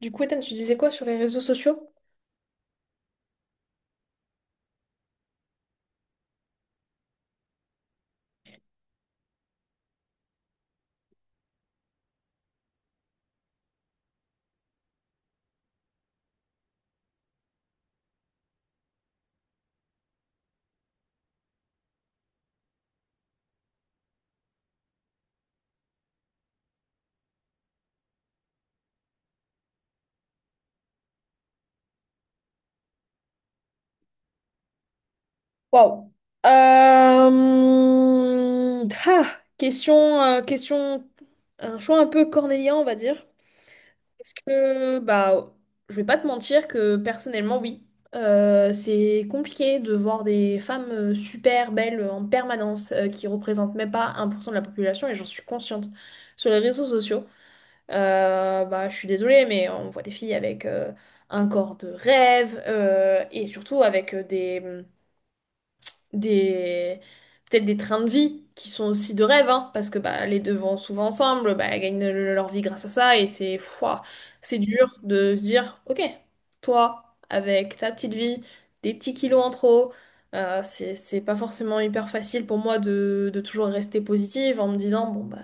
Du coup, Ethan, tu disais quoi sur les réseaux sociaux? Waouh. Question, un choix un peu cornélien, on va dire. Parce que, bah, je vais pas te mentir que personnellement, oui. C'est compliqué de voir des femmes super belles en permanence, qui représentent même pas 1% de la population, et j'en suis consciente sur les réseaux sociaux. Bah, je suis désolée, mais on voit des filles avec un corps de rêve et surtout avec des peut-être des trains de vie qui sont aussi de rêve, hein, parce que bah, les deux vont souvent ensemble, bah, elles gagnent leur vie grâce à ça et c'est fouah, c'est dur de se dire, ok, toi, avec ta petite vie, des petits kilos en trop. C'est pas forcément hyper facile pour moi de toujours rester positive en me disant, bon, bah,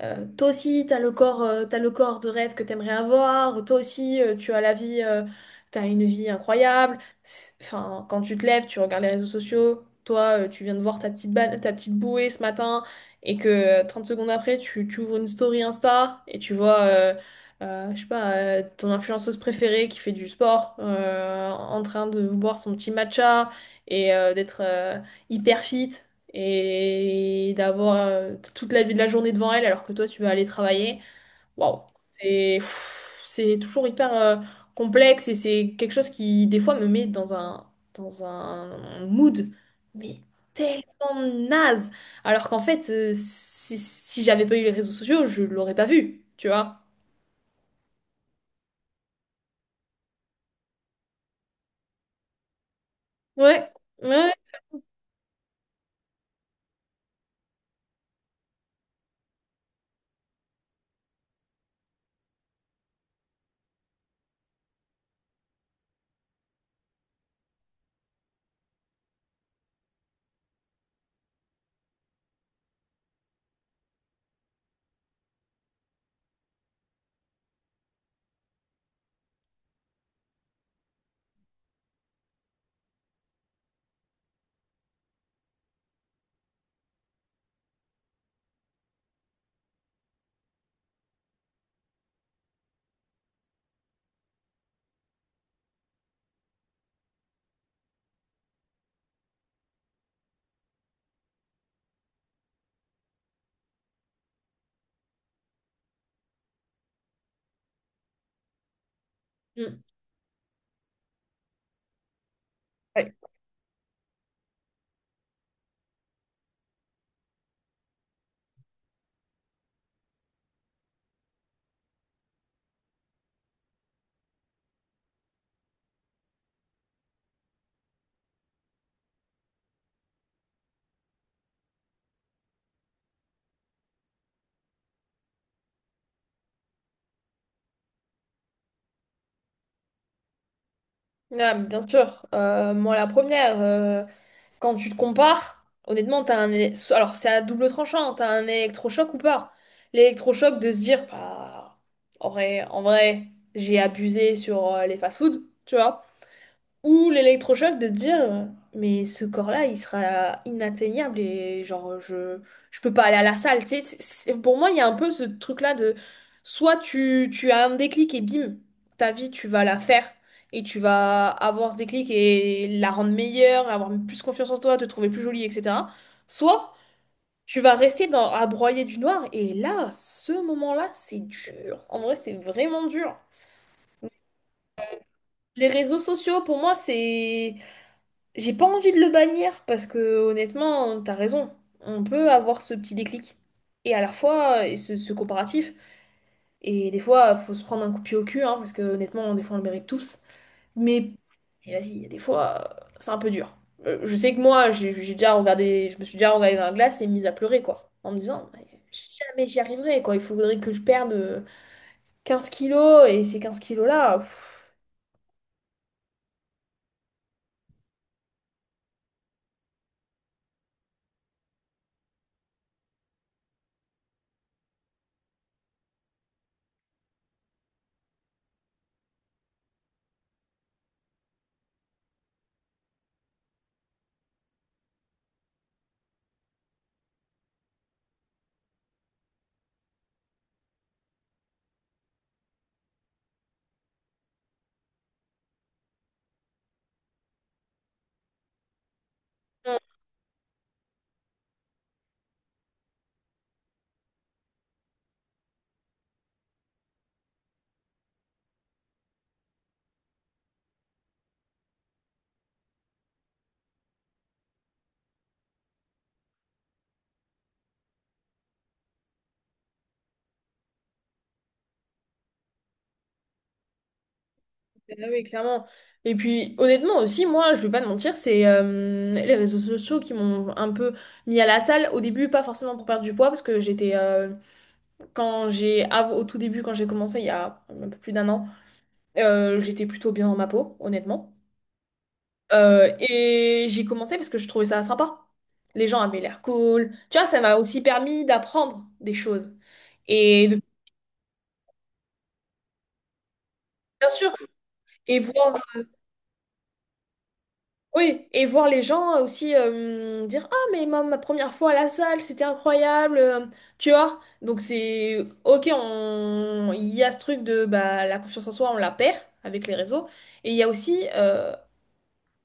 toi aussi, t'as le corps de rêve que t'aimerais avoir. Toi aussi, tu as la vie, t'as une vie incroyable. Enfin, quand tu te lèves, tu regardes les réseaux sociaux. Toi, tu viens de voir ta petite bouée ce matin et que 30 secondes après, tu ouvres une story Insta et tu vois, je sais pas, ton influenceuse préférée qui fait du sport en train de boire son petit matcha et d'être hyper fit et d'avoir toute la journée devant elle alors que toi tu vas aller travailler, waouh, c'est toujours hyper complexe et c'est quelque chose qui des fois me met dans un mood, mais tellement naze, alors qu'en fait si j'avais pas eu les réseaux sociaux, je l'aurais pas vu, tu vois. Ouais, ouais. Mm. Ouais. Ah, bien sûr. Moi la première. Quand tu te compares, honnêtement, t'as un... éle- so- Alors, c'est à double tranchant, t'as un électrochoc ou pas? L'électrochoc de se dire, bah, en vrai, j'ai abusé sur les fast food tu vois. Ou l'électrochoc de te dire, mais ce corps-là, il sera inatteignable et genre, je peux pas aller à la salle. Tu sais, pour moi, il y a un peu ce truc-là de soit tu as un déclic et bim, ta vie, tu vas la faire et tu vas avoir ce déclic et la rendre meilleure, avoir plus confiance en toi, te trouver plus jolie, etc. Soit tu vas rester à broyer du noir et là, ce moment-là, c'est dur. En vrai, c'est vraiment dur. Les réseaux sociaux, pour moi, c'est. J'ai pas envie de le bannir parce que honnêtement, t'as raison. On peut avoir ce petit déclic. Et à la fois, et ce comparatif. Et des fois, faut se prendre un coup de pied au cul, hein, parce que honnêtement, des fois, on le mérite tous. Mais et vas-y, il y a des fois, c'est un peu dur. Je sais que moi, j'ai déjà regardé, je me suis déjà regardée dans la glace et mise à pleurer, quoi. En me disant, mais jamais j'y arriverai, quoi. Il faudrait que je perde 15 kilos et ces 15 kilos-là. Ah oui, clairement. Et puis, honnêtement aussi, moi, je vais pas te mentir, c'est les réseaux sociaux qui m'ont un peu mis à la salle. Au début, pas forcément pour perdre du poids, parce que j'étais, au tout début, quand j'ai commencé, il y a un peu plus d'un an, j'étais plutôt bien dans ma peau, honnêtement. Et j'ai commencé parce que je trouvais ça sympa. Les gens avaient l'air cool. Tu vois, ça m'a aussi permis d'apprendre des choses. Et de- Bien sûr. Et voir Oui, et voir les gens aussi dire ah, mais ma première fois à la salle, c'était incroyable, tu vois. Donc, c'est ok, il y a ce truc de bah, la confiance en soi, on la perd avec les réseaux. Et il y a aussi,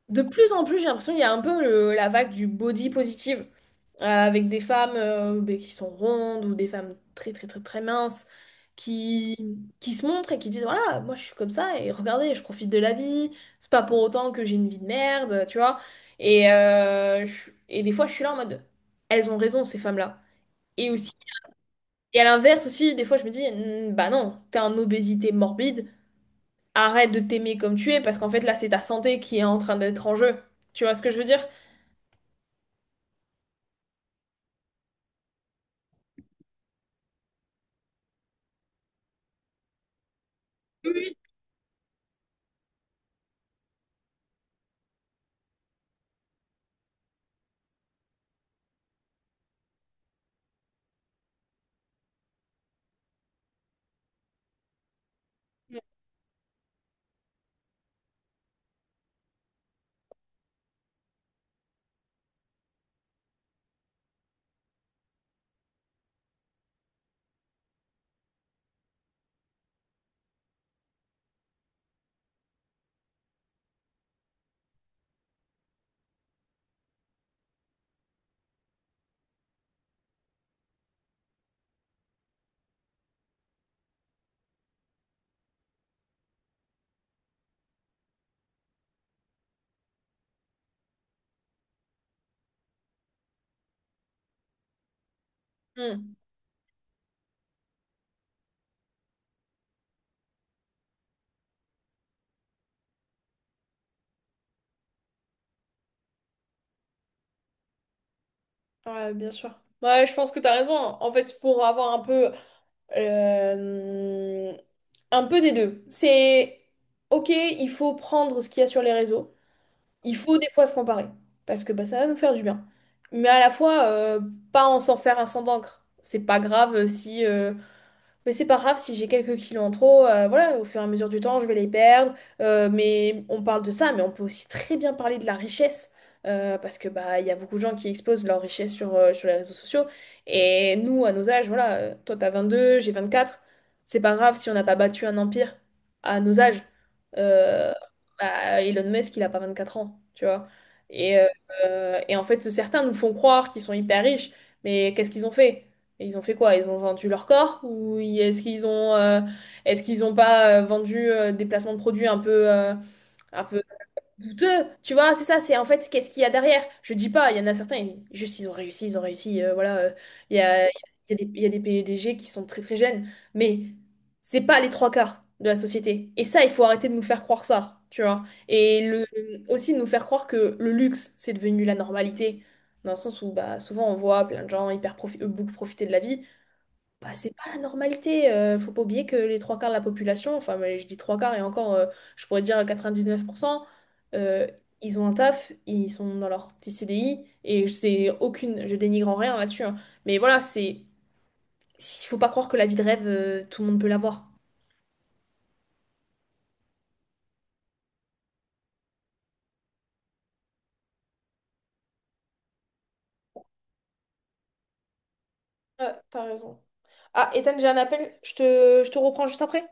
de plus en plus, j'ai l'impression qu'il y a un peu la vague du body positive, avec des femmes ben, qui sont rondes ou des femmes très très très très minces qui se montrent et qui disent, voilà, moi je suis comme ça et regardez, je profite de la vie, c'est pas pour autant que j'ai une vie de merde, tu vois. Et des fois, je suis là en mode, elles ont raison, ces femmes-là. Et aussi, et à l'inverse aussi, des fois, je me dis, hmm, bah non, t'es en obésité morbide, arrête de t'aimer comme tu es parce qu'en fait, là, c'est ta santé qui est en train d'être en jeu. Tu vois ce que je veux dire? Oui, oui. Hmm. Ouais, bien sûr. Ouais, je pense que tu as raison. En fait, pour avoir un peu, euh, des deux. Ok, il faut prendre ce qu'il y a sur les réseaux. Il faut des fois se comparer, parce que bah, ça va nous faire du bien. Mais à la fois, pas en s'en faire un sang d'encre. C'est pas grave si, Mais c'est pas grave si j'ai quelques kilos en trop, voilà, au fur et à mesure du temps, je vais les perdre. Mais on parle de ça, mais on peut aussi très bien parler de la richesse. Parce que bah il y a beaucoup de gens qui exposent leur richesse sur les réseaux sociaux. Et nous, à nos âges, voilà, toi t'as 22, j'ai 24. C'est pas grave si on n'a pas battu un empire à nos âges. Euh, bah, Elon Musk, il a pas 24 ans, tu vois. Et, euh, et en fait, certains nous font croire qu'ils sont hyper riches, mais qu'est-ce qu'ils ont fait? Et ils ont fait quoi? Ils ont vendu leur corps est-ce qu'ils ont pas vendu des placements de produits un peu douteux? Tu vois, c'est ça, c'est en fait qu'est-ce qu'il y a derrière? Je dis pas, il y en a certains, juste ils ont réussi, voilà, il y a, il il y a des PDG qui sont très très jeunes, mais c'est pas les trois quarts de la société. Et ça, il faut arrêter de nous faire croire ça, tu vois. Et aussi de nous faire croire que le luxe, c'est devenu la normalité. Dans le sens où bah, souvent on voit plein de gens beaucoup profiter de la vie, bah, c'est pas la normalité. Faut pas oublier que les trois quarts de la population, enfin, mais je dis trois quarts et encore, je pourrais dire 99%, euh, ils ont un taf, ils sont dans leur petit CDI et c'est aucune, je dénigre en rien là-dessus, hein. Mais voilà, il faut pas croire que la vie de rêve, tout le monde peut l'avoir. Ouais, t'as raison. Ah, Ethan, j'ai un appel, je te reprends juste après.